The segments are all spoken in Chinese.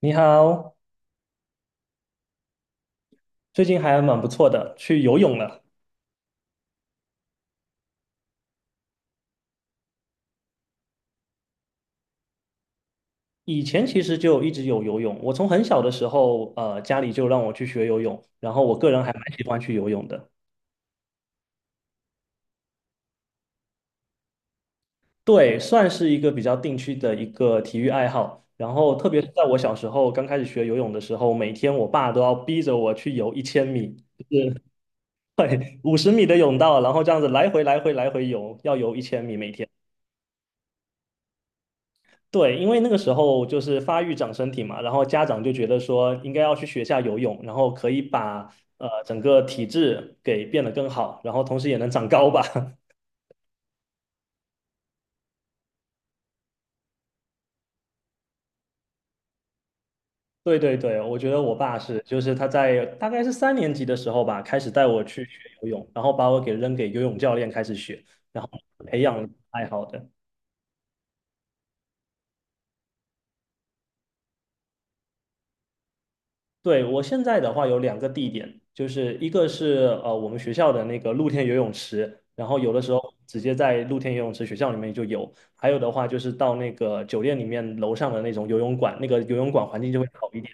你好，最近还蛮不错的，去游泳了。以前其实就一直有游泳，我从很小的时候，家里就让我去学游泳，然后我个人还蛮喜欢去游泳的。对，算是一个比较定期的一个体育爱好。然后特别是在我小时候刚开始学游泳的时候，每天我爸都要逼着我去游一千米，对，50米的泳道，然后这样子来回来回来回游，要游一千米每天。对，因为那个时候就是发育长身体嘛，然后家长就觉得说应该要去学下游泳，然后可以把整个体质给变得更好，然后同时也能长高吧。对对对，我觉得我爸是，就是他在大概是3年级的时候吧，开始带我去学游泳，然后把我给扔给游泳教练开始学，然后培养爱好的。对，我现在的话有两个地点，就是一个是我们学校的那个露天游泳池，然后有的时候直接在露天游泳池学校里面就有，还有的话就是到那个酒店里面楼上的那种游泳馆，那个游泳馆环境就会好一点。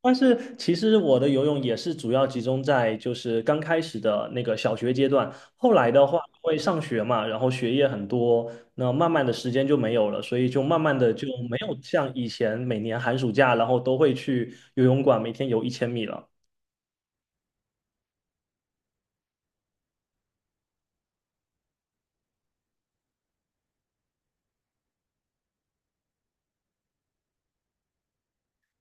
但是其实我的游泳也是主要集中在就是刚开始的那个小学阶段，后来的话因为上学嘛，然后学业很多，那慢慢的时间就没有了，所以就慢慢的就没有像以前每年寒暑假，然后都会去游泳馆每天游一千米了。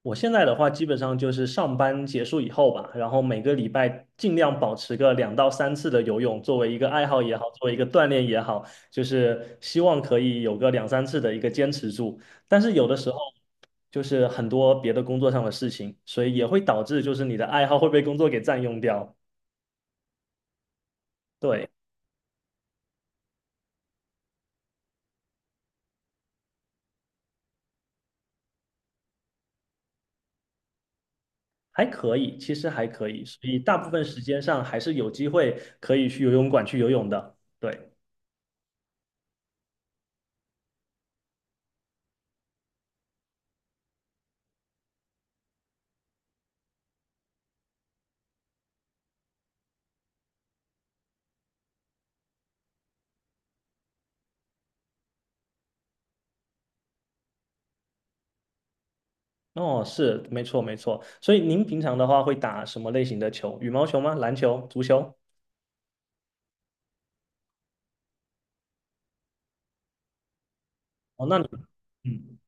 我现在的话，基本上就是上班结束以后吧，然后每个礼拜尽量保持个两到三次的游泳，作为一个爱好也好，作为一个锻炼也好，就是希望可以有个两三次的一个坚持住。但是有的时候就是很多别的工作上的事情，所以也会导致就是你的爱好会被工作给占用掉。对，还可以，其实还可以，所以大部分时间上还是有机会可以去游泳馆去游泳的。对。哦，是，没错没错。所以您平常的话会打什么类型的球？羽毛球吗？篮球、足球？哦，那你嗯，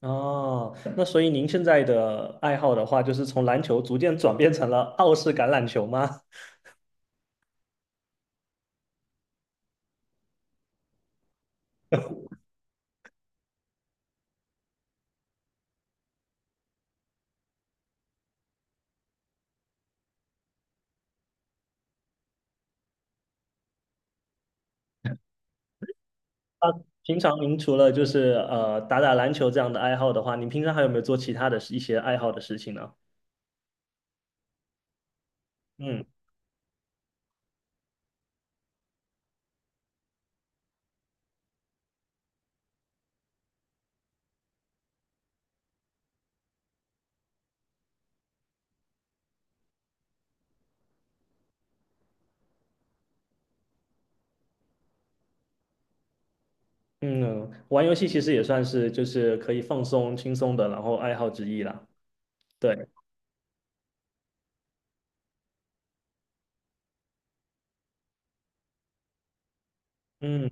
哦，那所以您现在的爱好的话，就是从篮球逐渐转变成了澳式橄榄球吗？平常您除了就是打打篮球这样的爱好的话，您平常还有没有做其他的一些爱好的事情呢？嗯嗯，玩游戏其实也算是就是可以放松轻松的，然后爱好之一啦。对，嗯。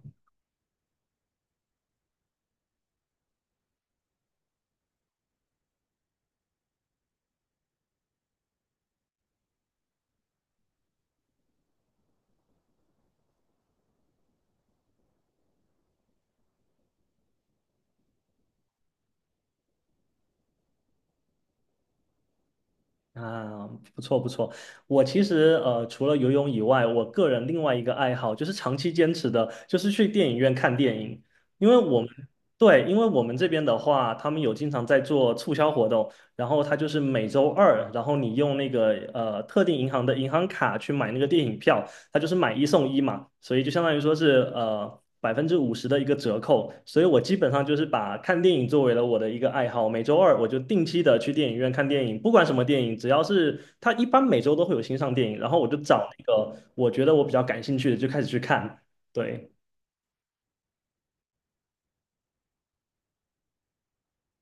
啊，不错不错。我其实除了游泳以外，我个人另外一个爱好就是长期坚持的，就是去电影院看电影。因为我们对，因为我们这边的话，他们有经常在做促销活动，然后他就是每周二，然后你用那个特定银行的银行卡去买那个电影票，它就是买一送一嘛，所以就相当于说是50%的一个折扣，所以我基本上就是把看电影作为了我的一个爱好，每周二我就定期的去电影院看电影，不管什么电影，只要是它一般每周都会有新上电影，然后我就找那个我觉得我比较感兴趣的就开始去看。对，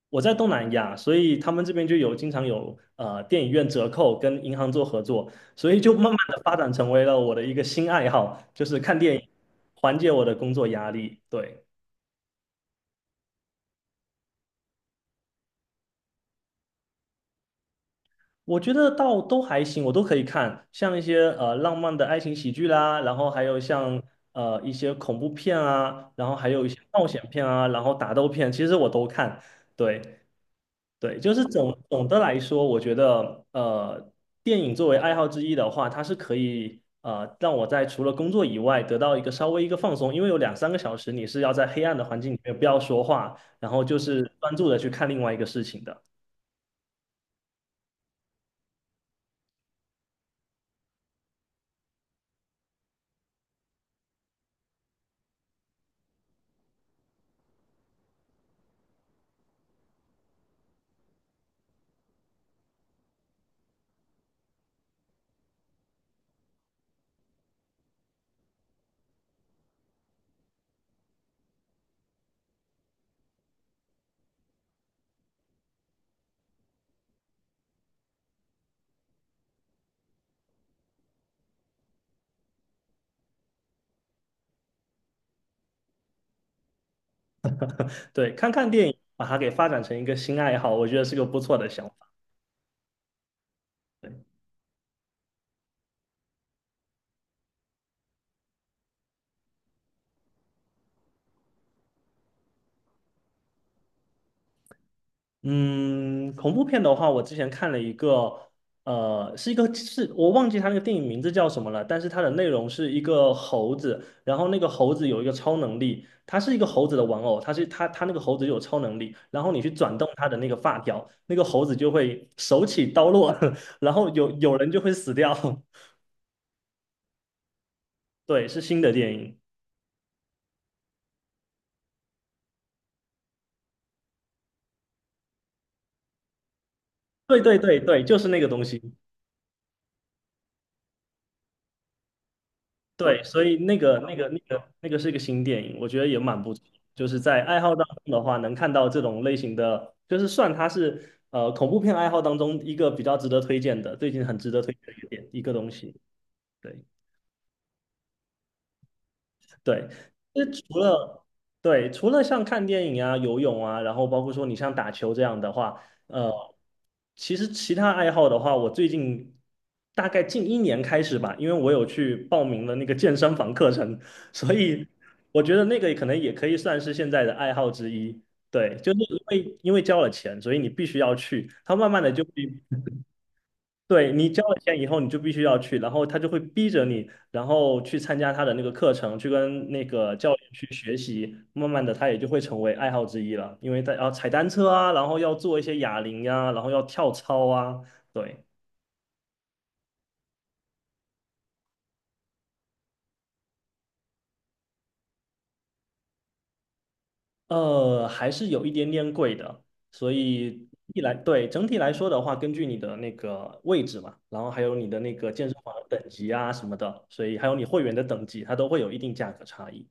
我在东南亚，所以他们这边就有经常有电影院折扣跟银行做合作，所以就慢慢的发展成为了我的一个新爱好，就是看电影，缓解我的工作压力。对。我觉得倒都还行，我都可以看，像一些浪漫的爱情喜剧啦，然后还有像一些恐怖片啊，然后还有一些冒险片啊，然后打斗片，其实我都看。对对，就是总的来说，我觉得电影作为爱好之一的话，它是可以让我在除了工作以外得到一个稍微一个放松，因为有两三个小时你是要在黑暗的环境里面不要说话，然后就是专注的去看另外一个事情的。对，看看电影，把它给发展成一个新爱好，我觉得是个不错的想法。嗯，恐怖片的话，我之前看了一个，是一个是我忘记它那个电影名字叫什么了，但是它的内容是一个猴子，然后那个猴子有一个超能力，它是一个猴子的玩偶，它是它那个猴子有超能力，然后你去转动它的那个发条，那个猴子就会手起刀落，然后有人就会死掉。对，是新的电影。对对对对，就是那个东西。对，所以那个是一个新电影，我觉得也蛮不错。就是在爱好当中的话，能看到这种类型的，就是算它是恐怖片爱好当中一个比较值得推荐的，最近很值得推荐的一个点一个东西。对，对，其实除了对，除了像看电影啊、游泳啊，然后包括说你像打球这样的话，呃，其实其他爱好的话，我最近大概近一年开始吧，因为我有去报名了那个健身房课程，所以我觉得那个可能也可以算是现在的爱好之一。对，就是因为交了钱，所以你必须要去，它慢慢的就会对你交了钱以后，你就必须要去，然后他就会逼着你，然后去参加他的那个课程，去跟那个教练去学习。慢慢的，他也就会成为爱好之一了，因为他要踩单车啊，然后要做一些哑铃呀、然后要跳操啊，对，还是有一点点贵的。所以一来，对，整体来说的话，根据你的那个位置嘛，然后还有你的那个健身房的等级啊什么的，所以还有你会员的等级，它都会有一定价格差异。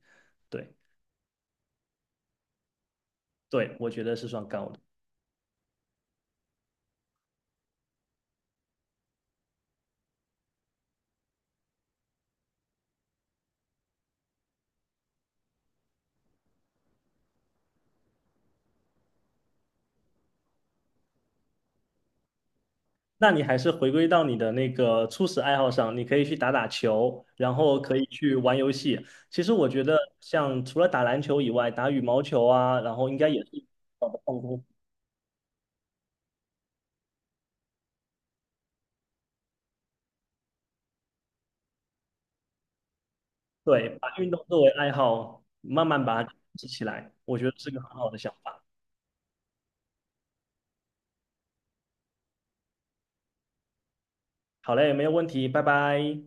对，对，我觉得是算高的。那你还是回归到你的那个初始爱好上，你可以去打打球，然后可以去玩游戏。其实我觉得，像除了打篮球以外，打羽毛球啊，然后应该也是好的放松。对，把运动作为爱好，慢慢把它积起来，我觉得是个很好的想法。好嘞，没有问题，拜拜。